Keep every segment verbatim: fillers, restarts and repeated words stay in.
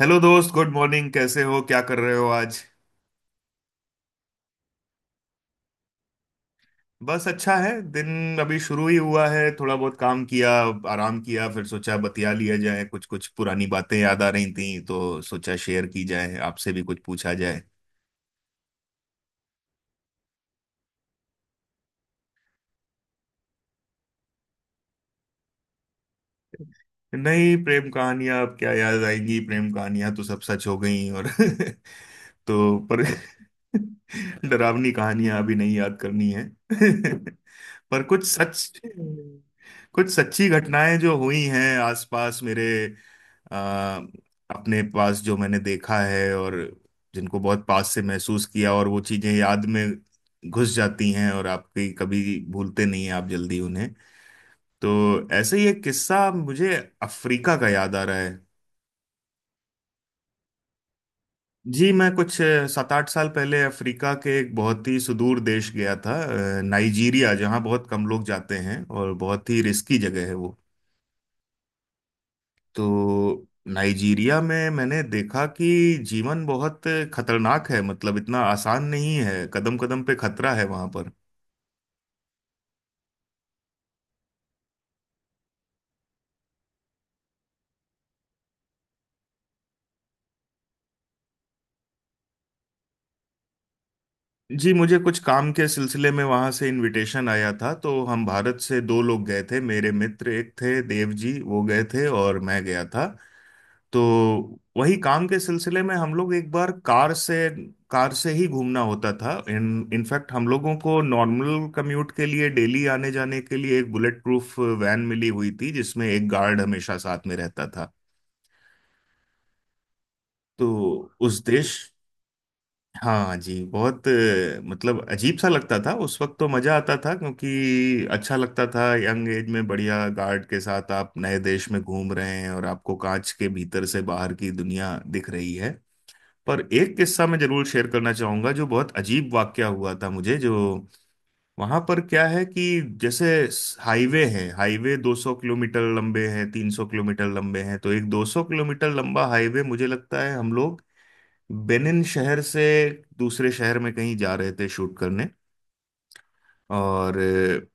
Hello दोस्त, good morning. कैसे हो, क्या कर रहे हो आज? बस अच्छा है, दिन अभी शुरू ही हुआ है। थोड़ा बहुत काम किया, आराम किया, फिर सोचा बतिया लिया जाए। कुछ कुछ पुरानी बातें याद आ रही थी तो सोचा शेयर की जाए, आपसे भी कुछ पूछा जाए। नहीं, प्रेम कहानियां अब क्या याद आएंगी। प्रेम कहानियां तो सब सच हो गई और तो पर डरावनी कहानियां अभी नहीं याद करनी है। पर कुछ सच, कुछ सच्ची घटनाएं जो हुई हैं आसपास मेरे, आ, अपने पास, जो मैंने देखा है और जिनको बहुत पास से महसूस किया, और वो चीजें याद में घुस जाती हैं और आपकी कभी भूलते नहीं हैं आप जल्दी उन्हें। तो ऐसे ही एक किस्सा मुझे अफ्रीका का याद आ रहा है। जी, मैं कुछ अ, सात आठ साल पहले अफ्रीका के एक बहुत ही सुदूर देश गया था। अ, नाइजीरिया, जहाँ बहुत कम लोग जाते हैं और बहुत ही रिस्की जगह है वो। तो नाइजीरिया में मैंने देखा कि जीवन बहुत खतरनाक है, मतलब इतना आसान नहीं है, कदम कदम पे खतरा है वहां पर। जी, मुझे कुछ काम के सिलसिले में वहां से इनविटेशन आया था, तो हम भारत से दो लोग गए थे, मेरे मित्र एक थे देव जी, वो गए थे और मैं गया था। तो वही काम के सिलसिले में हम लोग एक बार कार से कार से ही घूमना होता था। इन इनफैक्ट हम लोगों को नॉर्मल कम्यूट के लिए, डेली आने जाने के लिए एक बुलेट प्रूफ वैन मिली हुई थी जिसमें एक गार्ड हमेशा साथ में रहता था। तो उस देश। हाँ जी, बहुत अ, मतलब अजीब सा लगता था। उस वक्त तो मजा आता था क्योंकि अच्छा लगता था, यंग एज में बढ़िया गार्ड के साथ आप नए देश में घूम रहे हैं और आपको कांच के भीतर से बाहर की दुनिया दिख रही है। पर एक किस्सा मैं जरूर शेयर करना चाहूंगा, जो बहुत अजीब वाकया हुआ था मुझे, जो वहां पर क्या है कि जैसे हाईवे है। हाईवे दो सौ किलोमीटर लंबे हैं, तीन सौ किलोमीटर लंबे हैं। तो एक दो सौ किलोमीटर लंबा हाईवे, मुझे लगता है हम लोग बेनिन शहर से दूसरे शहर में कहीं जा रहे थे शूट करने। और अ,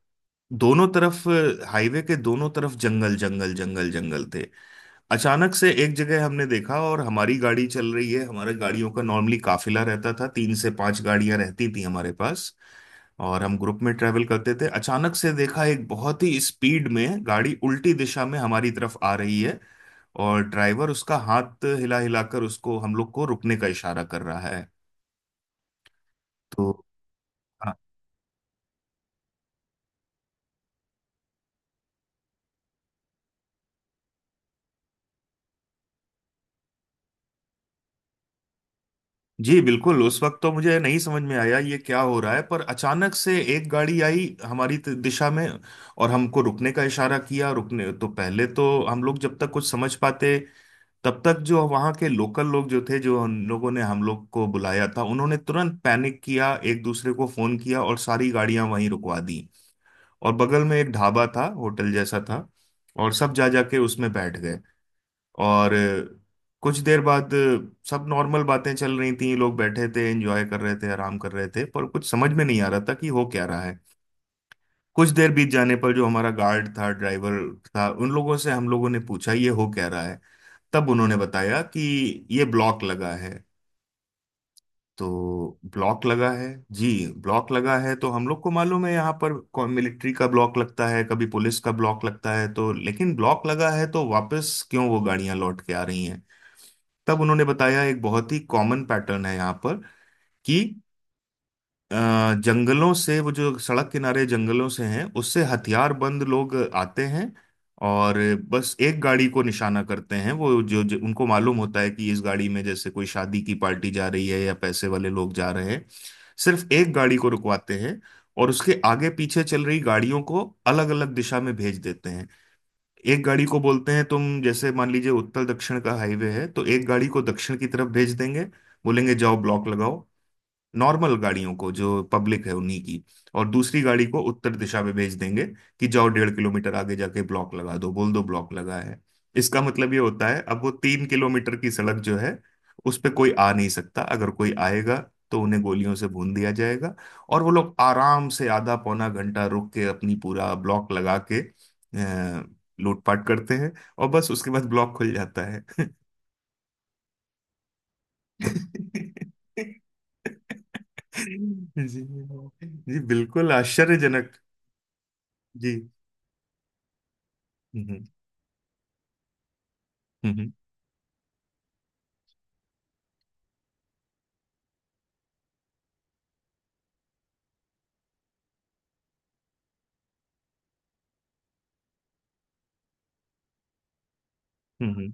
दोनों तरफ, हाईवे के दोनों तरफ जंगल जंगल जंगल जंगल थे। अचानक से एक जगह हमने देखा, और हमारी गाड़ी चल रही है, हमारे गाड़ियों का नॉर्मली काफिला रहता था, तीन से पांच गाड़ियां रहती थी हमारे पास और हम ग्रुप में ट्रेवल करते थे, अचानक से देखा एक बहुत ही स्पीड में गाड़ी उल्टी दिशा में हमारी तरफ आ रही है, और ड्राइवर उसका हाथ हिला हिलाकर उसको, हम लोग को रुकने का इशारा कर रहा है। तो जी बिल्कुल, उस वक्त तो मुझे नहीं समझ में आया ये क्या हो रहा है। पर अचानक से एक गाड़ी आई हमारी त- दिशा में और हमको रुकने का इशारा किया। रुकने तो, पहले तो हम लोग जब तक कुछ समझ पाते, तब तक जो वहाँ के लोकल लोग जो थे, जो उन लोगों ने हम लोग को बुलाया था, उन्होंने तुरंत पैनिक किया, एक दूसरे को फोन किया और सारी गाड़ियां वहीं रुकवा दी। और बगल में एक ढाबा था, होटल जैसा था। और सब जा जाके उसमें बैठ गए। और कुछ देर बाद सब नॉर्मल बातें चल रही थी, लोग बैठे थे, एंजॉय कर रहे थे, आराम कर रहे थे, पर कुछ समझ में नहीं आ रहा था कि हो क्या रहा है। कुछ देर बीत जाने पर जो हमारा गार्ड था, ड्राइवर था, उन लोगों से हम लोगों ने पूछा ये हो क्या रहा है। तब उन्होंने बताया कि ये ब्लॉक लगा है, तो ब्लॉक लगा है। जी। ब्लॉक लगा है तो हम लोग को मालूम है, यहाँ पर कौन मिलिट्री का ब्लॉक लगता है, कभी पुलिस का ब्लॉक लगता है, तो लेकिन ब्लॉक लगा है तो वापस क्यों वो गाड़ियां लौट के आ रही हैं। तब उन्होंने बताया एक बहुत ही कॉमन पैटर्न है यहाँ पर कि अ, जंगलों से, वो जो सड़क किनारे जंगलों से हैं, उससे हथियारबंद लोग आते हैं और बस एक गाड़ी को निशाना करते हैं, वो जो, जो उनको मालूम होता है कि इस गाड़ी में जैसे कोई शादी की पार्टी जा रही है या पैसे वाले लोग जा रहे हैं। सिर्फ एक गाड़ी को रुकवाते हैं, और उसके आगे पीछे चल रही गाड़ियों को अलग अलग दिशा में भेज देते हैं। एक गाड़ी को बोलते हैं तुम, जैसे मान लीजिए उत्तर दक्षिण का हाईवे है तो एक गाड़ी को दक्षिण की तरफ भेज देंगे, बोलेंगे जाओ ब्लॉक लगाओ, नॉर्मल गाड़ियों को जो पब्लिक है उन्हीं की। और दूसरी गाड़ी को उत्तर दिशा में भेज देंगे कि जाओ डेढ़ किलोमीटर आगे जाके ब्लॉक लगा दो, बोल दो ब्लॉक लगा है। इसका मतलब ये होता है, अब वो तीन किलोमीटर की सड़क जो है, उस पे कोई आ नहीं सकता। अगर कोई आएगा तो उन्हें गोलियों से भून दिया जाएगा। और वो लोग आराम से आधा पौना घंटा रुक के अपनी पूरा ब्लॉक लगा के, अ, लूटपाट करते हैं। और बस उसके बाद ब्लॉक खुल जाता है। जी। जी बिल्कुल आश्चर्यजनक। जी। हम्म। हम्म। हम्म।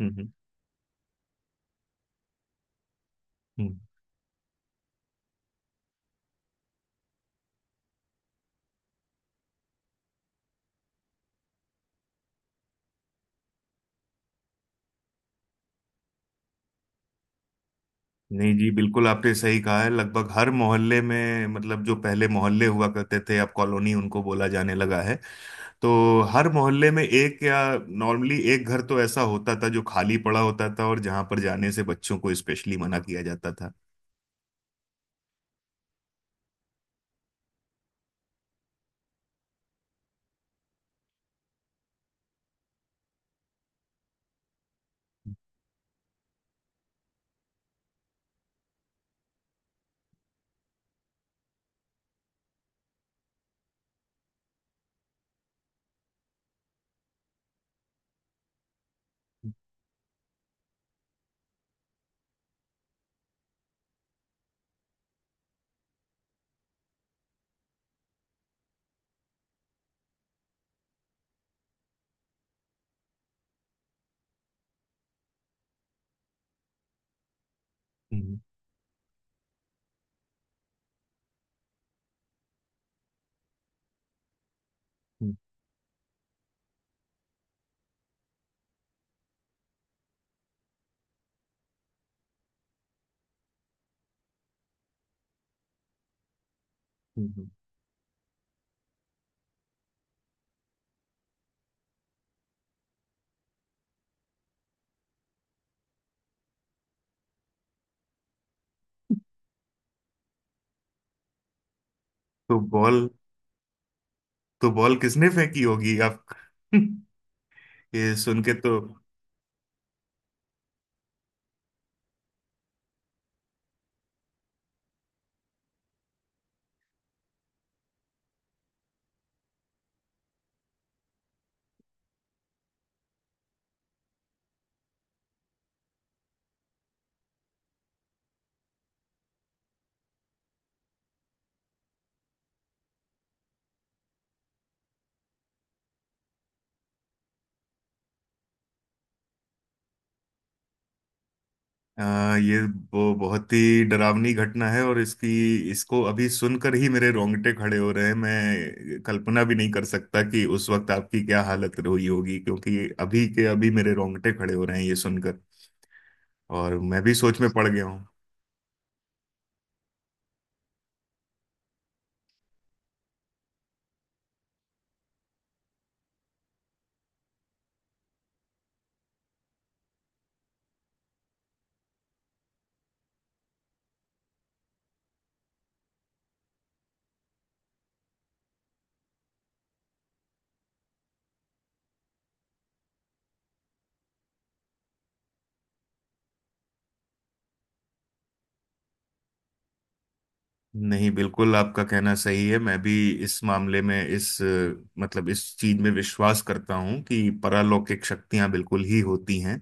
हम्म। हम्म। नहीं जी, बिल्कुल आपने सही कहा है। लगभग हर मोहल्ले में, मतलब जो पहले मोहल्ले हुआ करते थे अब कॉलोनी उनको बोला जाने लगा है, तो हर मोहल्ले में एक, या नॉर्मली एक घर तो ऐसा होता था जो खाली पड़ा होता था और जहां पर जाने से बच्चों को स्पेशली मना किया जाता था। हम्म। हम्म। हम्म। तो बॉल तो बॉल किसने फेंकी होगी आप? ये सुन के तो। आ, ये, वो बहुत ही डरावनी घटना है। और इसकी इसको अभी सुनकर ही मेरे रोंगटे खड़े हो रहे हैं। मैं कल्पना भी नहीं कर सकता कि उस वक्त आपकी क्या हालत हुई होगी, क्योंकि अभी के अभी मेरे रोंगटे खड़े हो रहे हैं ये सुनकर। और मैं भी सोच में पड़ गया हूँ। नहीं, बिल्कुल आपका कहना सही है। मैं भी इस मामले में, इस अ, मतलब इस चीज में विश्वास करता हूँ कि परालौकिक शक्तियां बिल्कुल ही होती हैं।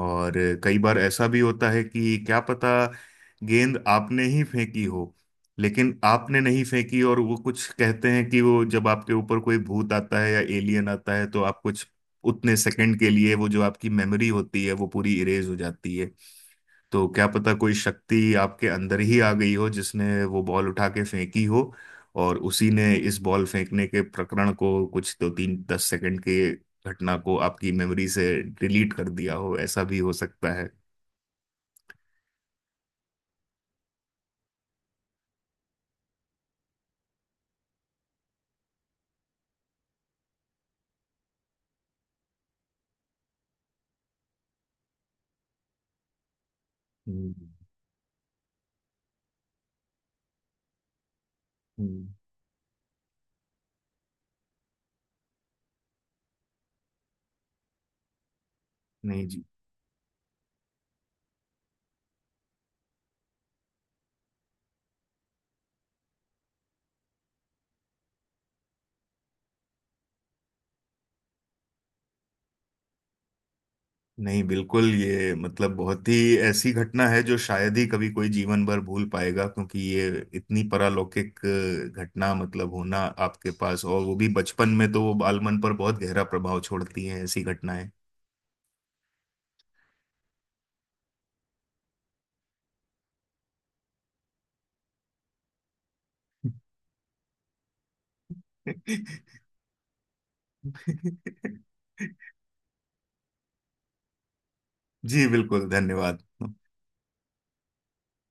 और कई बार ऐसा भी होता है कि क्या पता गेंद आपने ही फेंकी हो, लेकिन आपने नहीं फेंकी। और वो, कुछ कहते हैं कि वो जब आपके ऊपर कोई भूत आता है या एलियन आता है तो आप कुछ उतने सेकंड के लिए, वो जो आपकी मेमोरी होती है वो पूरी इरेज हो जाती है। तो क्या पता कोई शक्ति आपके अंदर ही आ गई हो जिसने वो बॉल उठा के फेंकी हो, और उसी ने इस बॉल फेंकने के प्रकरण को, कुछ दो तीन दस सेकंड के घटना को, आपकी मेमोरी से डिलीट कर दिया हो। ऐसा भी हो सकता है। हम्म। हम्म। नहीं जी। नहीं, बिल्कुल, ये मतलब बहुत ही ऐसी घटना है जो शायद ही कभी कोई जीवन भर भूल पाएगा। क्योंकि ये इतनी पारलौकिक अ, घटना, मतलब होना आपके पास, और वो भी बचपन में, तो वो बालमन पर बहुत गहरा प्रभाव छोड़ती हैं ऐसी घटनाएं। जी बिल्कुल, धन्यवाद।